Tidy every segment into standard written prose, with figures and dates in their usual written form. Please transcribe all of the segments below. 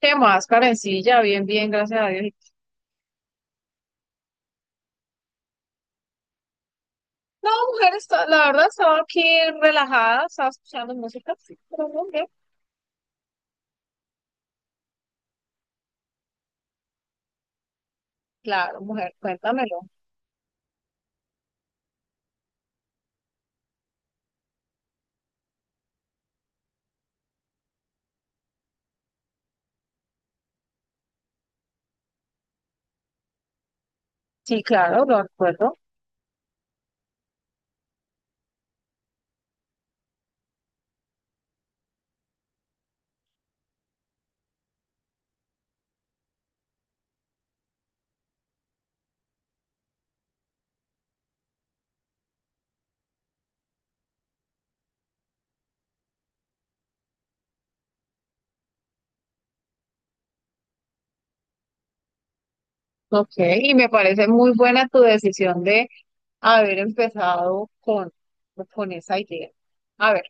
¿Qué más, Karencilla? Bien, bien, gracias a Dios. ¿Tú? No, mujer, la verdad estaba aquí relajada, estaba escuchando música, sí, pero no, bien. Claro, mujer, cuéntamelo. Sí, claro, lo recuerdo. Ok, y me parece muy buena tu decisión de haber empezado con esa idea. A ver,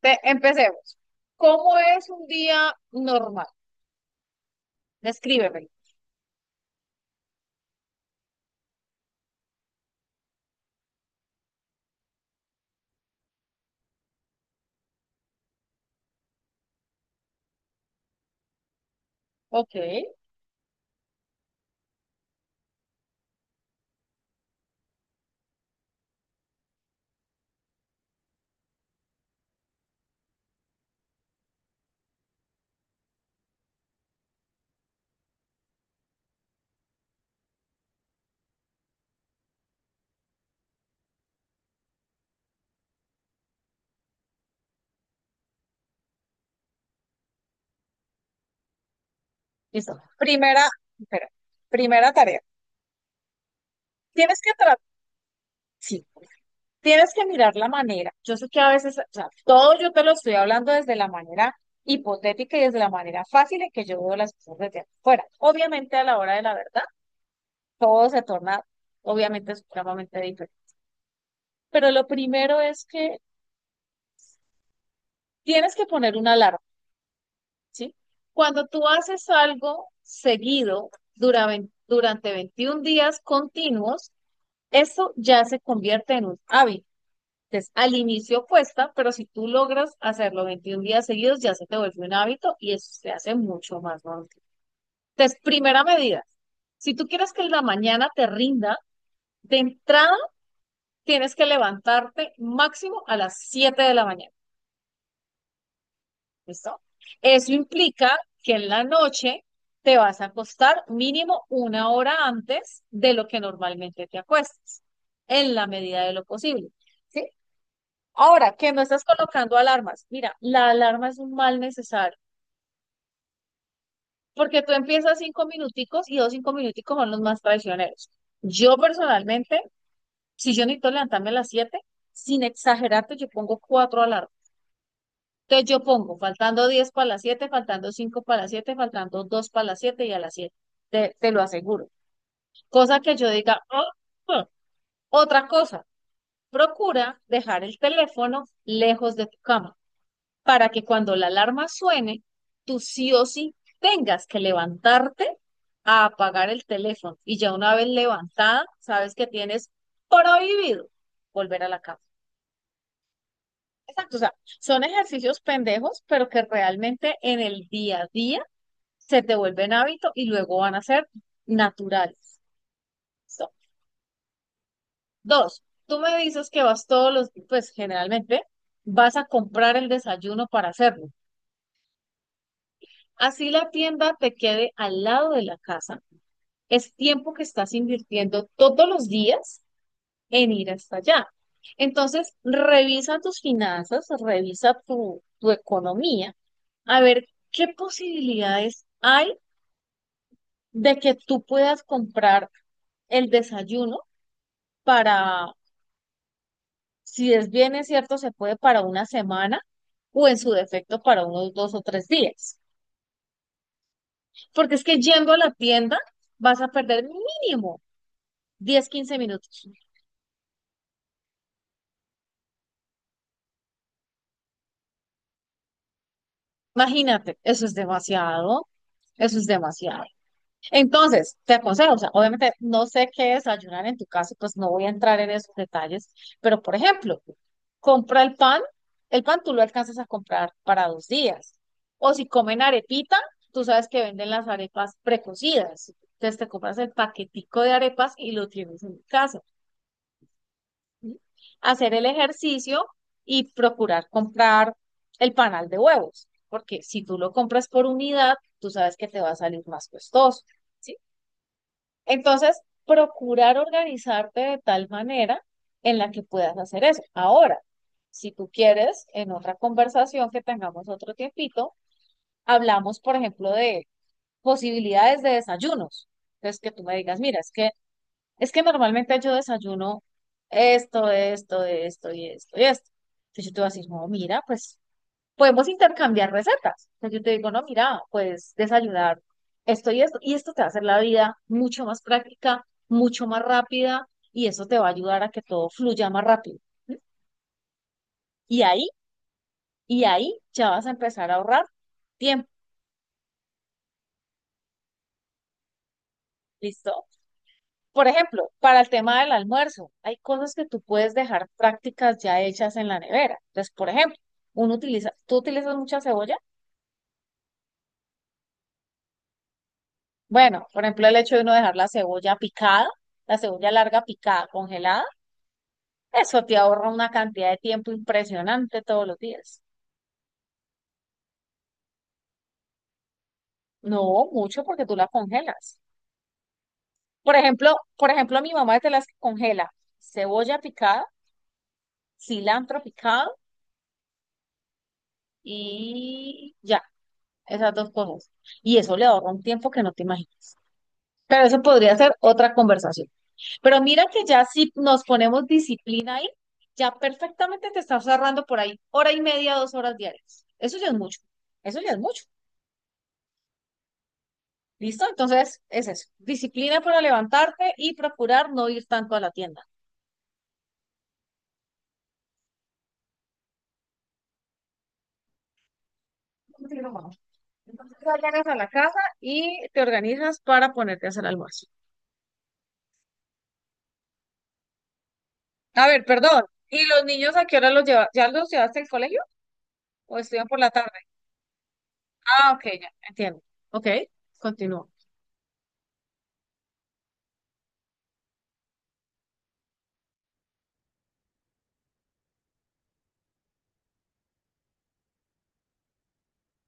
empecemos. ¿Cómo es un día normal? Descríbeme. Ok, listo. Primera, espera, primera tarea. Tienes que tratar, sí. Tienes que mirar la manera. Yo sé que a veces, o sea, todo yo te lo estoy hablando desde la manera hipotética y desde la manera fácil en que yo veo las cosas desde afuera. Obviamente a la hora de la verdad, todo se torna, obviamente, supremamente diferente. Pero lo primero es que tienes que poner una alarma, ¿sí? Cuando tú haces algo seguido durante 21 días continuos, eso ya se convierte en un hábito. Entonces, al inicio cuesta, pero si tú logras hacerlo 21 días seguidos, ya se te vuelve un hábito y eso se hace mucho más normal. Entonces, primera medida, si tú quieres que la mañana te rinda, de entrada tienes que levantarte máximo a las 7 de la mañana, ¿listo? Eso implica que en la noche te vas a acostar mínimo una hora antes de lo que normalmente te acuestas, en la medida de lo posible. ¿Sí? Ahora, que no estás colocando alarmas. Mira, la alarma es un mal necesario, porque tú empiezas 5 minuticos y dos 5 minuticos son los más traicioneros. Yo personalmente, si yo necesito levantarme a las 7, sin exagerarte, yo pongo 4 alarmas. Entonces yo pongo, faltando 10 para las 7, faltando 5 para las 7, faltando 2 para las 7 y a las 7. Te lo aseguro. Cosa que yo diga, "Ah, ah". Otra cosa, procura dejar el teléfono lejos de tu cama, para que cuando la alarma suene, tú sí o sí tengas que levantarte a apagar el teléfono. Y ya una vez levantada, sabes que tienes prohibido volver a la cama. Exacto, o sea, son ejercicios pendejos, pero que realmente en el día a día se te vuelven hábito y luego van a ser naturales. So, dos, tú me dices que vas todos los, pues generalmente vas a comprar el desayuno para hacerlo. Así la tienda te quede al lado de la casa, es tiempo que estás invirtiendo todos los días en ir hasta allá. Entonces, revisa tus finanzas, revisa tu economía, a ver qué posibilidades hay de que tú puedas comprar el desayuno para, si es bien es cierto, se puede para una semana o en su defecto para unos 2 o 3 días. Porque es que yendo a la tienda vas a perder mínimo 10 15 minutos. Imagínate, eso es demasiado. Eso es demasiado. Entonces, te aconsejo, o sea, obviamente no sé qué desayunar en tu casa, pues no voy a entrar en esos detalles, pero por ejemplo, compra el pan tú lo alcanzas a comprar para 2 días. O si comen arepita, tú sabes que venden las arepas precocidas. Entonces te compras el paquetico de arepas y lo tienes en casa. ¿Sí? Hacer el ejercicio y procurar comprar el panal de huevos, porque si tú lo compras por unidad, tú sabes que te va a salir más costoso, ¿sí? Entonces, procurar organizarte de tal manera en la que puedas hacer eso. Ahora, si tú quieres, en otra conversación que tengamos otro tiempito, hablamos, por ejemplo, de posibilidades de desayunos. Entonces, que tú me digas, mira, es que normalmente yo desayuno esto, esto, esto y esto y esto. Entonces yo te voy a decir, no, mira, pues podemos intercambiar recetas. Entonces yo te digo, no, mira, pues desayunar esto y esto. Y esto te va a hacer la vida mucho más práctica, mucho más rápida y eso te va a ayudar a que todo fluya más rápido. Y ahí, y ahí ya vas a empezar a ahorrar tiempo. ¿Listo? Por ejemplo, para el tema del almuerzo, hay cosas que tú puedes dejar prácticas ya hechas en la nevera. Entonces, por ejemplo, uno utiliza, ¿tú utilizas mucha cebolla? Bueno, por ejemplo, el hecho de uno dejar la cebolla picada, la cebolla larga picada, congelada, eso te ahorra una cantidad de tiempo impresionante todos los días. No mucho porque tú la congelas. Por ejemplo, mi mamá es de las que congela cebolla picada, cilantro picado y ya, esas dos cosas. Y eso le ahorra un tiempo que no te imaginas. Pero eso podría ser otra conversación. Pero mira que ya si nos ponemos disciplina ahí, ya perfectamente te estás ahorrando por ahí hora y media, 2 horas diarias. Eso ya es mucho. Eso ya es mucho. ¿Listo? Entonces, es eso. Disciplina para levantarte y procurar no ir tanto a la tienda. Entonces, ya llegas a la casa y te organizas para ponerte a hacer almuerzo. A ver, perdón. ¿Y los niños a qué hora los llevas? ¿Ya los llevaste al colegio o estudian por la tarde? Ah, ok, ya, entiendo. Ok, continúo.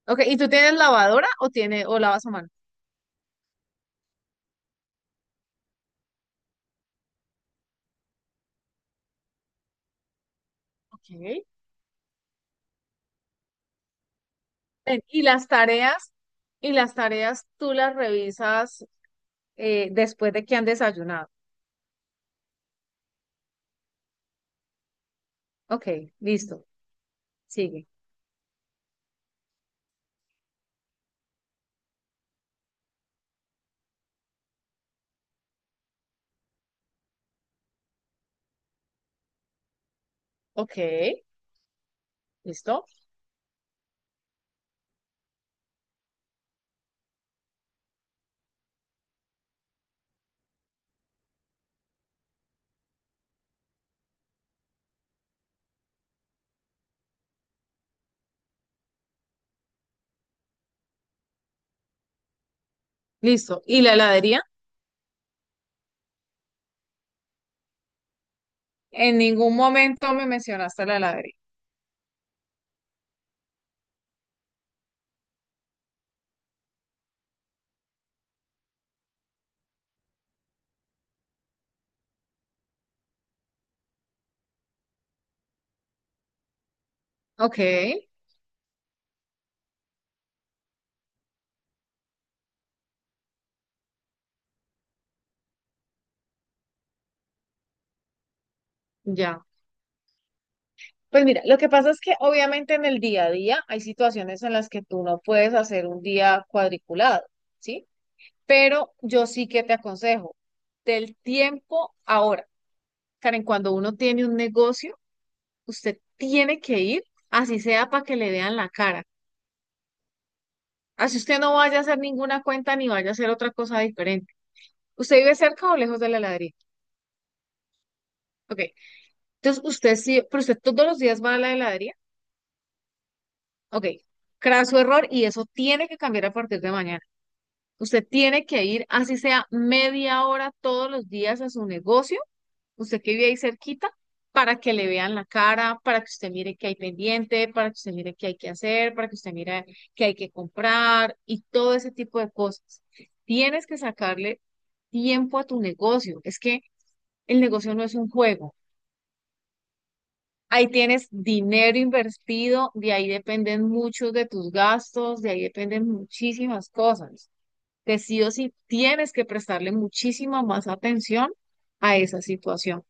Ok, ¿y tú tienes lavadora o lavas a mano? Ok. Ven, y las tareas tú las revisas después de que han desayunado. Ok, listo. Sigue. Ok, listo. Listo. ¿Y la heladería? En ningún momento me mencionaste la heladería. Ok, ya. Pues mira, lo que pasa es que obviamente en el día a día hay situaciones en las que tú no puedes hacer un día cuadriculado, ¿sí? Pero yo sí que te aconsejo del tiempo ahora. Karen, cuando uno tiene un negocio, usted tiene que ir, así sea para que le vean la cara. Así usted no vaya a hacer ninguna cuenta ni vaya a hacer otra cosa diferente. ¿Usted vive cerca o lejos de la heladería? Ok. Entonces, usted sí, pero usted todos los días va a la heladería. Ok. Craso error y eso tiene que cambiar a partir de mañana. Usted tiene que ir, así sea media hora todos los días a su negocio, usted que vive ahí cerquita, para que le vean la cara, para que usted mire qué hay pendiente, para que usted mire qué hay que hacer, para que usted mire qué hay que comprar y todo ese tipo de cosas. Tienes que sacarle tiempo a tu negocio. Es que el negocio no es un juego. Ahí tienes dinero invertido, de ahí dependen muchos de tus gastos, de ahí dependen muchísimas cosas. Que sí o sí tienes que prestarle muchísima más atención a esa situación.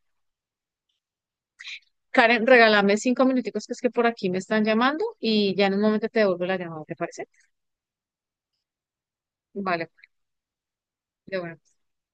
Karen, regálame 5 minuticos que es que por aquí me están llamando y ya en un momento te devuelvo la llamada, ¿te parece? Vale, de bueno.